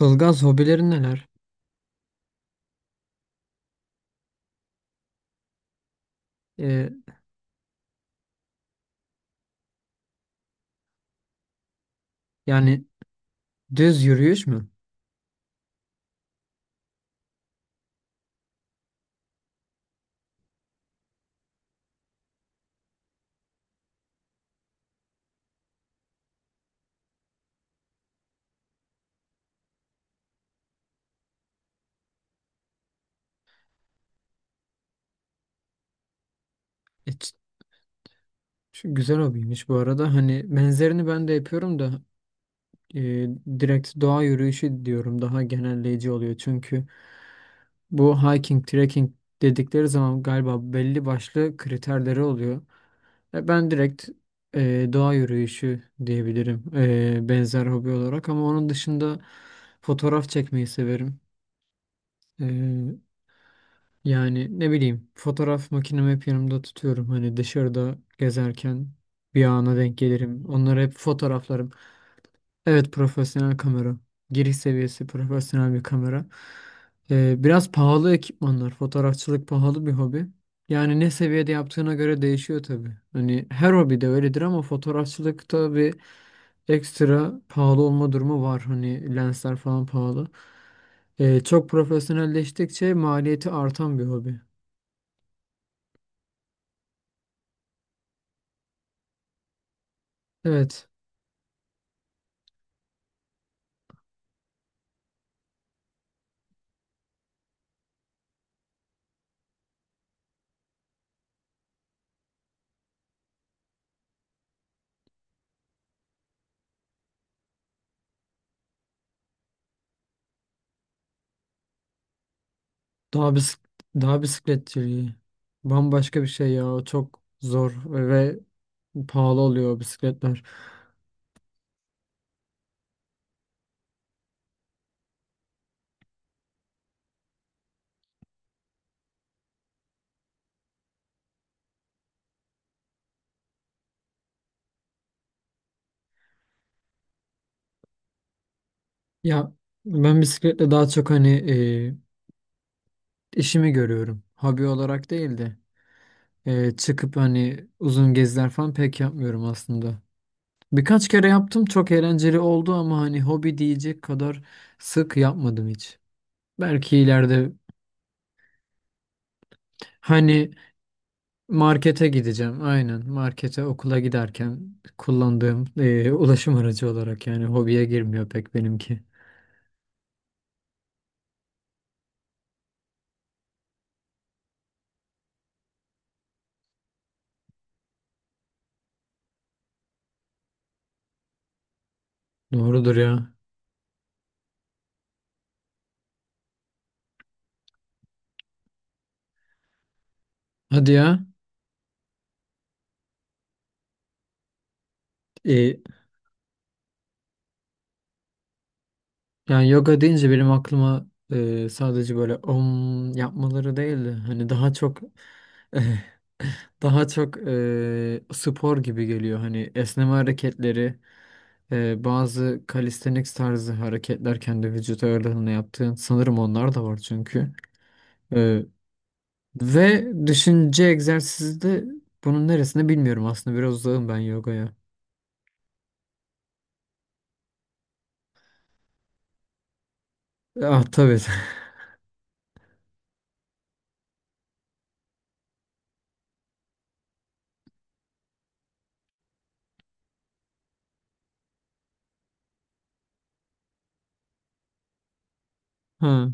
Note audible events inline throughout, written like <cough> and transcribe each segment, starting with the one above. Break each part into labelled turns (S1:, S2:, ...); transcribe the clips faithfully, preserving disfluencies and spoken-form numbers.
S1: Ilgaz hobilerin neler? Ee, yani düz yürüyüş mü? Hiç- şu güzel hobiymiş bu arada. Hani benzerini ben de yapıyorum da e, direkt doğa yürüyüşü diyorum, daha genelleyici oluyor. Çünkü bu hiking, trekking dedikleri zaman galiba belli başlı kriterleri oluyor. E, ben direkt e, doğa yürüyüşü diyebilirim, e, benzer hobi olarak, ama onun dışında fotoğraf çekmeyi severim. E, Yani ne bileyim, fotoğraf makinemi hep yanımda tutuyorum. Hani dışarıda gezerken bir ana denk gelirim. Onları hep fotoğraflarım. Evet, profesyonel kamera. Giriş seviyesi profesyonel bir kamera. Ee, biraz pahalı ekipmanlar. Fotoğrafçılık pahalı bir hobi. Yani ne seviyede yaptığına göre değişiyor tabii. Hani her hobi de öyledir, ama fotoğrafçılıkta bir ekstra pahalı olma durumu var. Hani lensler falan pahalı. Ee, çok profesyonelleştikçe maliyeti artan bir hobi. Evet. Dağ bisik dağ bisikletçiliği. Bambaşka bir şey ya. O çok zor ve pahalı oluyor, o bisikletler. Ya ben bisikletle daha çok hani e, işimi görüyorum. Hobi olarak değil de e, çıkıp hani uzun geziler falan pek yapmıyorum aslında. Birkaç kere yaptım, çok eğlenceli oldu, ama hani hobi diyecek kadar sık yapmadım hiç. Belki ileride hani markete gideceğim. Aynen. Markete, okula giderken kullandığım eee, ulaşım aracı olarak, yani hobiye girmiyor pek benimki. Doğrudur ya. Hadi ya. Eee, yani yoga deyince benim aklıma eee, sadece böyle om yapmaları değildi. Hani daha çok <laughs> daha çok eee, spor gibi geliyor. Hani esneme hareketleri. Ee, bazı calisthenics tarzı hareketler, kendi vücut ağırlığına yaptığın, sanırım onlar da var çünkü. Ee, ve düşünce egzersizi de bunun neresinde bilmiyorum, aslında biraz uzağım ben yogaya. Ah, tabii. <laughs> Ha.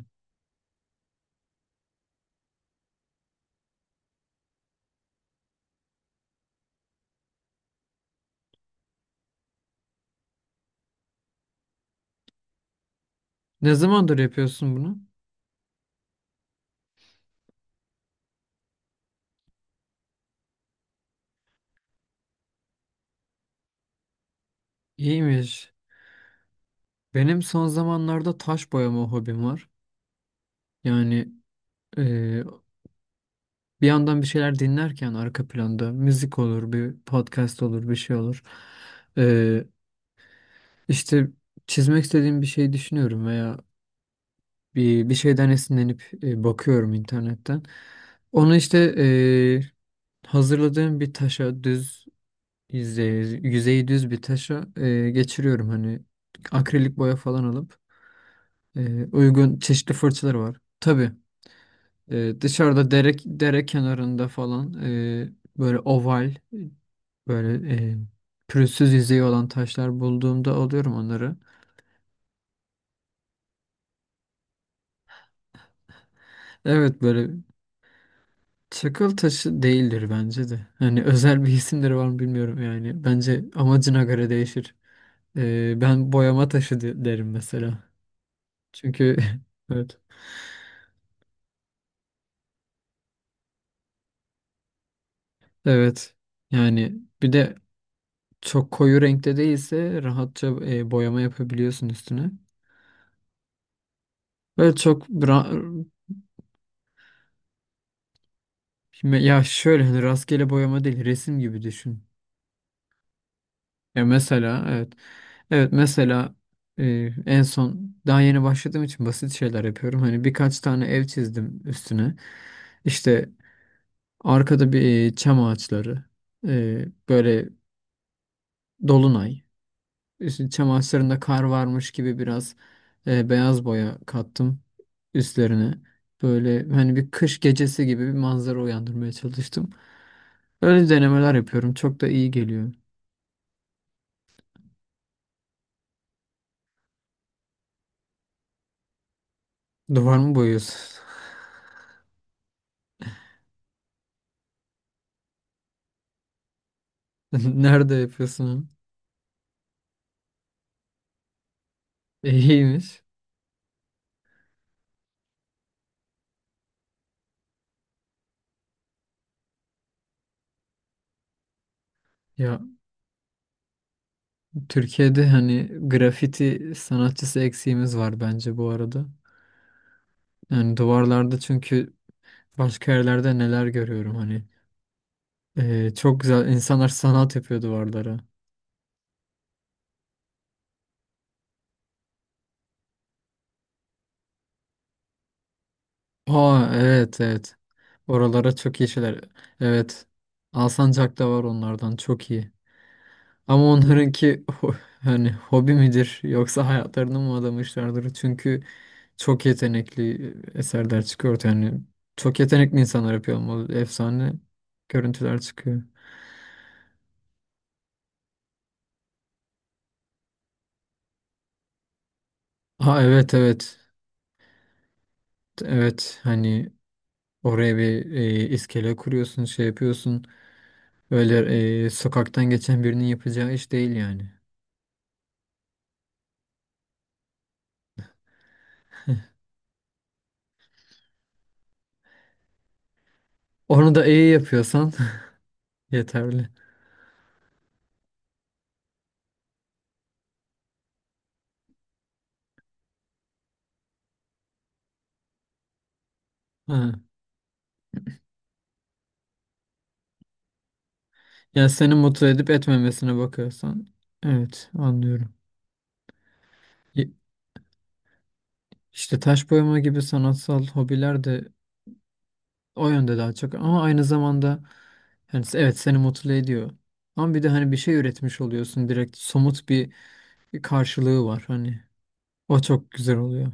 S1: Ne zamandır yapıyorsun bunu? İyiymiş. Benim son zamanlarda taş boyama hobim var. Yani e, bir yandan bir şeyler dinlerken, arka planda müzik olur, bir podcast olur, bir şey olur. Ee, işte çizmek istediğim bir şey düşünüyorum veya bir, bir şeyden esinlenip e, bakıyorum internetten. Onu işte e, hazırladığım bir taşa, düz yüzeyi, yüzeyi düz bir taşa e, geçiriyorum hani, akrilik boya falan alıp e, uygun çeşitli fırçaları var. Tabii, e, dışarıda dere dere kenarında falan e, böyle oval, böyle e, pürüzsüz yüzeyi olan taşlar bulduğumda alıyorum onları. Evet, böyle. Çakıl taşı değildir bence de. Hani özel bir isimleri var mı bilmiyorum yani. Bence amacına göre değişir. Ee, ben boyama taşı de- derim mesela. Çünkü <laughs> evet. Evet. Yani bir de çok koyu renkte değilse rahatça e, boyama yapabiliyorsun üstüne. Böyle çok bra- ya şöyle, hani rastgele boyama değil, resim gibi düşün. Ya mesela evet. Evet, mesela e, en son, daha yeni başladığım için basit şeyler yapıyorum. Hani birkaç tane ev çizdim üstüne. İşte arkada bir e, çam ağaçları, e, böyle dolunay, işte çam ağaçlarında kar varmış gibi biraz e, beyaz boya kattım üstlerine. Böyle hani bir kış gecesi gibi bir manzara uyandırmaya çalıştım. Öyle denemeler yapıyorum. Çok da iyi geliyor. Duvar mı boyuyorsun? <laughs> Nerede yapıyorsun onu? E, İyiymiş. Ya, Türkiye'de hani grafiti sanatçısı eksiğimiz var bence bu arada. Yani duvarlarda, çünkü başka yerlerde neler görüyorum hani. Ee, çok güzel insanlar sanat yapıyor duvarlara. Aa, evet, evet. Oralara çok iyi şeyler. Evet. Alsancak'ta var onlardan, çok iyi. Ama onlarınki ho- hani hobi midir yoksa hayatlarını mı adamışlardır? Çünkü çok yetenekli eserler çıkıyor ortaya. Yani çok yetenekli insanlar yapıyor, ama efsane görüntüler çıkıyor. Aa, evet, evet. Evet, hani oraya bir e, iskele kuruyorsun, şey yapıyorsun. Öyle e, sokaktan geçen birinin yapacağı iş değil yani. Onu da iyi yapıyorsan <laughs> yeterli. Ha. Yani seni mutlu edip etmemesine bakıyorsan, evet, anlıyorum. Y- İşte taş boyama gibi sanatsal hobiler de o yönde daha çok, ama aynı zamanda, yani, evet, seni mutlu ediyor. Ama bir de hani bir şey üretmiş oluyorsun, direkt somut bir, bir karşılığı var hani. O çok güzel oluyor.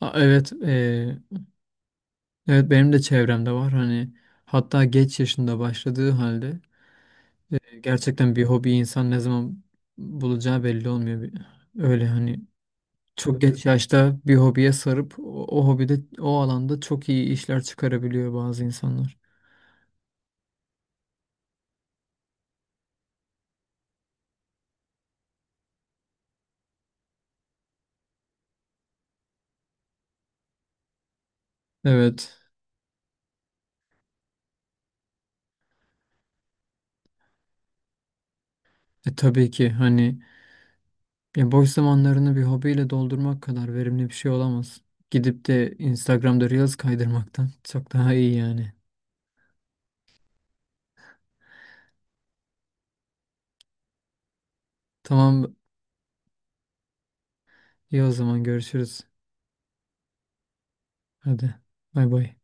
S1: Aa, evet, e, evet, benim de çevremde var hani, hatta geç yaşında başladığı halde e, gerçekten, bir hobi insan ne zaman bulacağı belli olmuyor. Bir- Öyle hani çok geç yaşta bir hobiye sarıp o, o hobide, o alanda çok iyi işler çıkarabiliyor bazı insanlar. Evet. E tabii ki hani, ya, boş zamanlarını bir hobiyle doldurmak kadar verimli bir şey olamaz. Gidip de Instagram'da Reels kaydırmaktan çok daha iyi yani. Tamam, iyi, o zaman görüşürüz. Hadi. Bay bay.